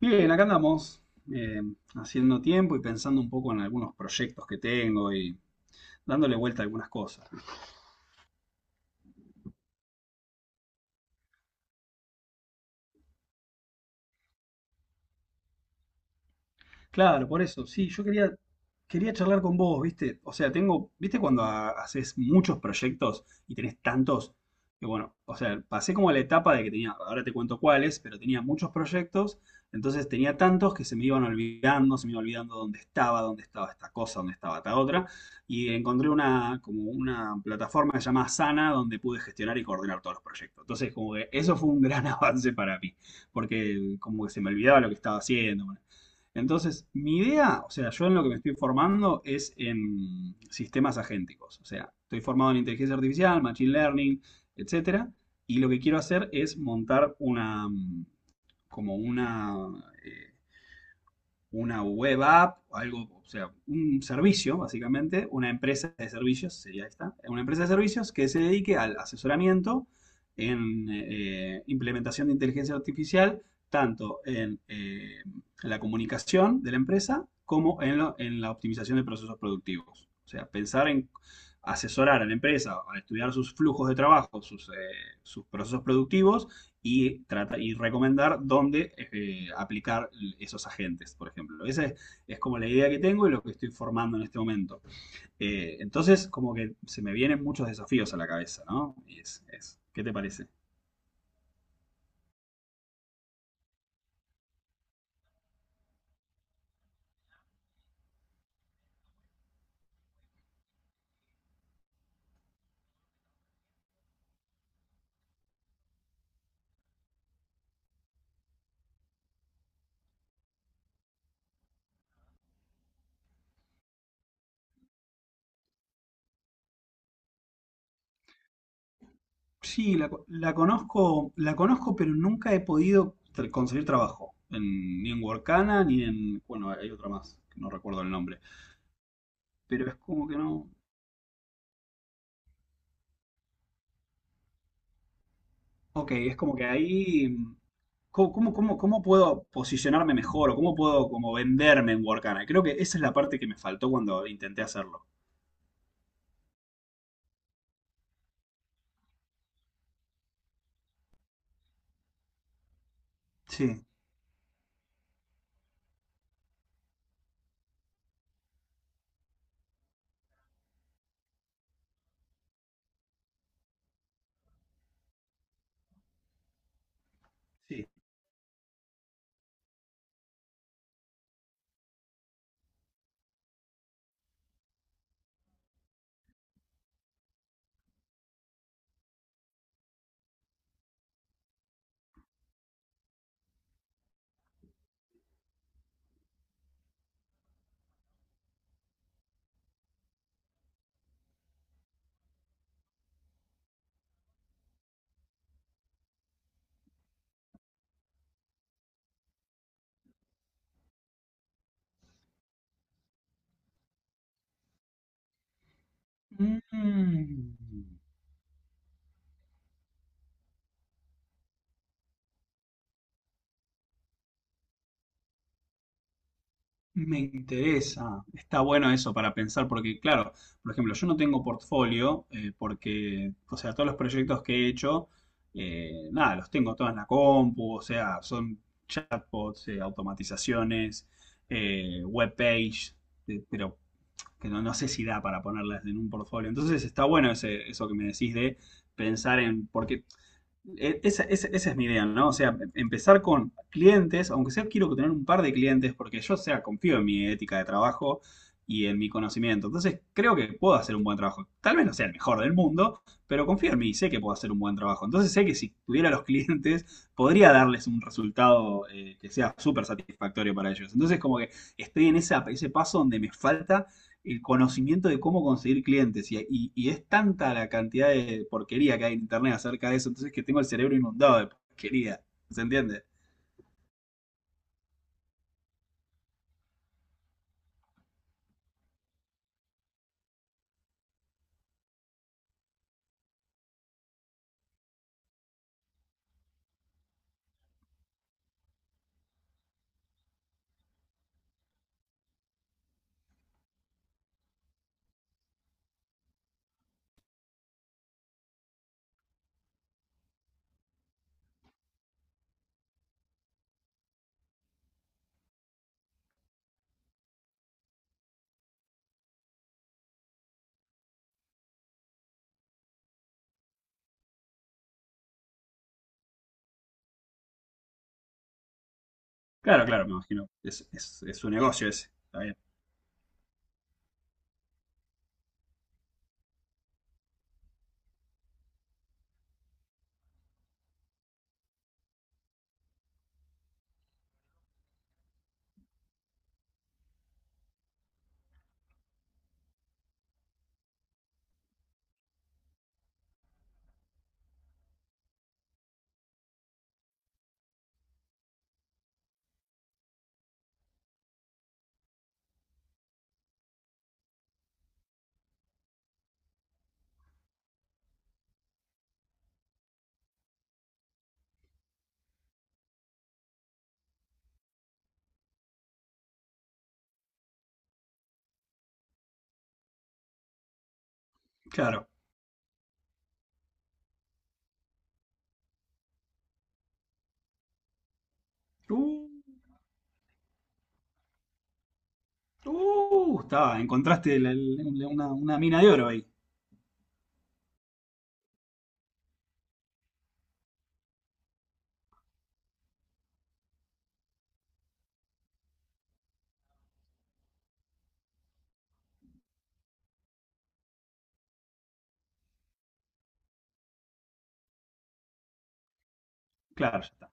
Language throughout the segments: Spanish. Bien, acá andamos, eh, haciendo tiempo y pensando un poco en algunos proyectos que tengo y dándole vuelta a algunas cosas. Claro, por eso, sí, quería charlar con vos, ¿viste? O sea, tengo, ¿viste cuando haces muchos proyectos y tenés tantos? Que bueno, o sea, pasé como la etapa de que tenía, ahora te cuento cuáles, pero tenía muchos proyectos, entonces tenía tantos que se me iban olvidando, se me iba olvidando dónde estaba esta cosa, dónde estaba esta otra, y encontré una, como una plataforma llamada Sana donde pude gestionar y coordinar todos los proyectos. Entonces, como que eso fue un gran avance para mí, porque como que se me olvidaba lo que estaba haciendo. Bueno, entonces, mi idea, o sea, yo en lo que me estoy formando es en sistemas agénticos. O sea, estoy formado en inteligencia artificial, machine learning, etcétera. Y lo que quiero hacer es montar como eh, una web app, algo, o sea, un servicio, básicamente, una empresa de servicios, sería esta, una empresa de servicios que se dedique al asesoramiento en implementación de inteligencia artificial, tanto en la comunicación de la empresa como en, en la optimización de procesos productivos. O sea, pensar en asesorar a la empresa, a estudiar sus flujos de trabajo, sus, sus procesos productivos y, trata, y recomendar dónde aplicar esos agentes, por ejemplo. Esa es como la idea que tengo y lo que estoy formando en este momento. Entonces, como que se me vienen muchos desafíos a la cabeza, ¿no? Y ¿qué te parece? Sí, la conozco, la conozco, pero nunca he podido conseguir trabajo. En, ni en Workana, ni en... Bueno, hay otra más, que no recuerdo el nombre. Pero es como que no. Ok, es como que ahí, ¿cómo, cómo puedo posicionarme mejor o cómo puedo como venderme en Workana? Creo que esa es la parte que me faltó cuando intenté hacerlo. Sí. Sí. Mm, me interesa. Está bueno eso para pensar porque, claro, por ejemplo, yo no tengo portfolio, porque, o sea, todos los proyectos que he hecho, nada, los tengo todos en la compu, o sea, son chatbots, automatizaciones, webpage, pero que no, no sé si da para ponerlas en un portfolio. Entonces está bueno ese, eso que me decís de pensar en, porque esa, esa es mi idea, ¿no? O sea, em, empezar con clientes, aunque sea quiero tener un par de clientes, porque yo, o sea, confío en mi ética de trabajo y en mi conocimiento. Entonces creo que puedo hacer un buen trabajo. Tal vez no sea el mejor del mundo, pero confío en mí y sé que puedo hacer un buen trabajo. Entonces sé que si tuviera los clientes, podría darles un resultado, que sea súper satisfactorio para ellos. Entonces como que estoy en esa, ese paso donde me falta el conocimiento de cómo conseguir clientes. Y es tanta la cantidad de porquería que hay en internet acerca de eso, entonces que tengo el cerebro inundado de porquería. ¿Se entiende? Claro, claro, me imagino. Es su negocio ese. Está bien. Claro. Uh, estaba, encontraste una mina de oro ahí. Claro, ya.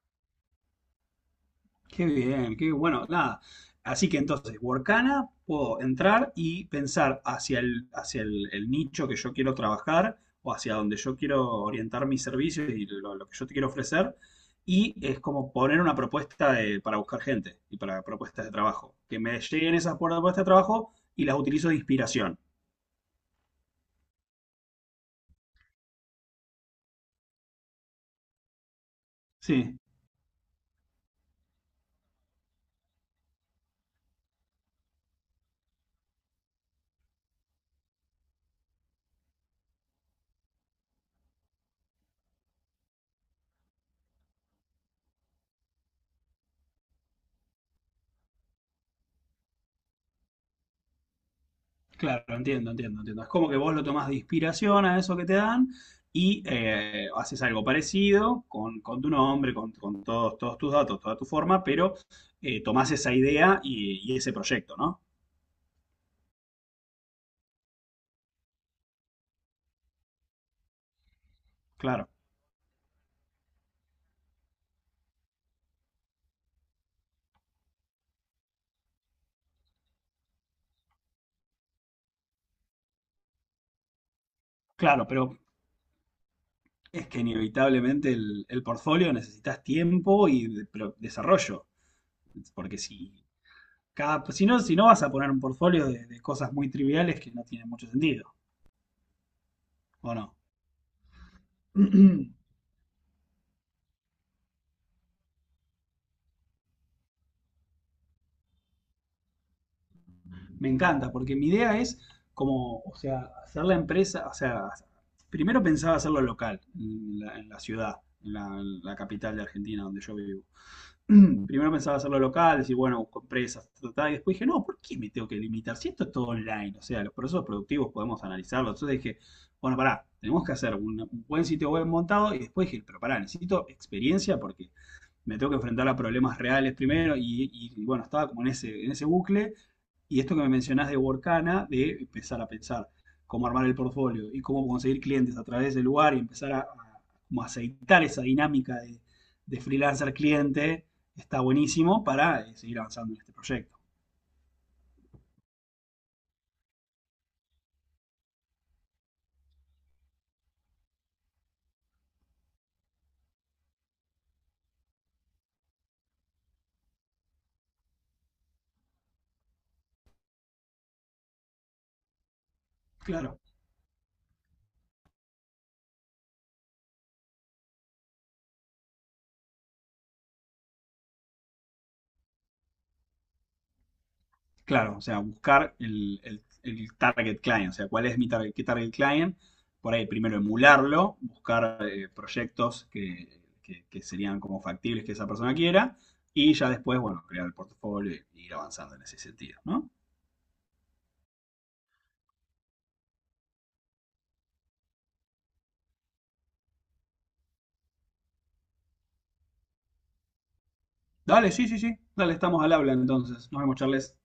Qué bien, qué bueno, nada. Así que entonces, Workana, puedo entrar y pensar hacia el nicho que yo quiero trabajar o hacia donde yo quiero orientar mis servicios y lo que yo te quiero ofrecer. Y es como poner una propuesta para buscar gente y para propuestas de trabajo. Que me lleguen esas propuestas de trabajo y las utilizo de inspiración. Sí. Claro, entiendo, entiendo, entiendo. Es como que vos lo tomás de inspiración a eso que te dan y haces algo parecido con tu nombre, con todos, todos tus datos, toda tu forma, pero tomás esa idea y ese proyecto, ¿no? Claro, claro, pero es que inevitablemente el portfolio necesitas tiempo pero desarrollo, porque si, cada, si no, si no vas a poner un portfolio de cosas muy triviales que no tienen mucho sentido, ¿o no? Me encanta, porque mi idea es como, o sea, hacer la empresa, o sea, primero pensaba hacerlo local, en la ciudad, en la capital de Argentina, donde yo vivo. Primero pensaba hacerlo local, decir, bueno, busco empresas, ta, y después dije, no, ¿por qué me tengo que limitar? Si esto es todo online, o sea, los procesos productivos podemos analizarlos. Entonces dije, bueno, pará, tenemos que hacer un buen sitio web montado y después dije, pero pará, necesito experiencia porque me tengo que enfrentar a problemas reales primero y bueno, estaba como en ese bucle y esto que me mencionás de Workana, de empezar a pensar cómo armar el portfolio y cómo conseguir clientes a través del lugar y empezar a como aceitar esa dinámica de freelancer cliente, está buenísimo para, seguir avanzando en este proyecto. Claro. Claro, o sea, buscar el target client, o sea, cuál es mi target, qué target client, por ahí primero emularlo, buscar, proyectos que, que serían como factibles que esa persona quiera, y ya después, bueno, crear el portafolio y ir avanzando en ese sentido, ¿no? Dale, sí, sí, sí, dale, estamos al habla entonces, nos vemos, Charles.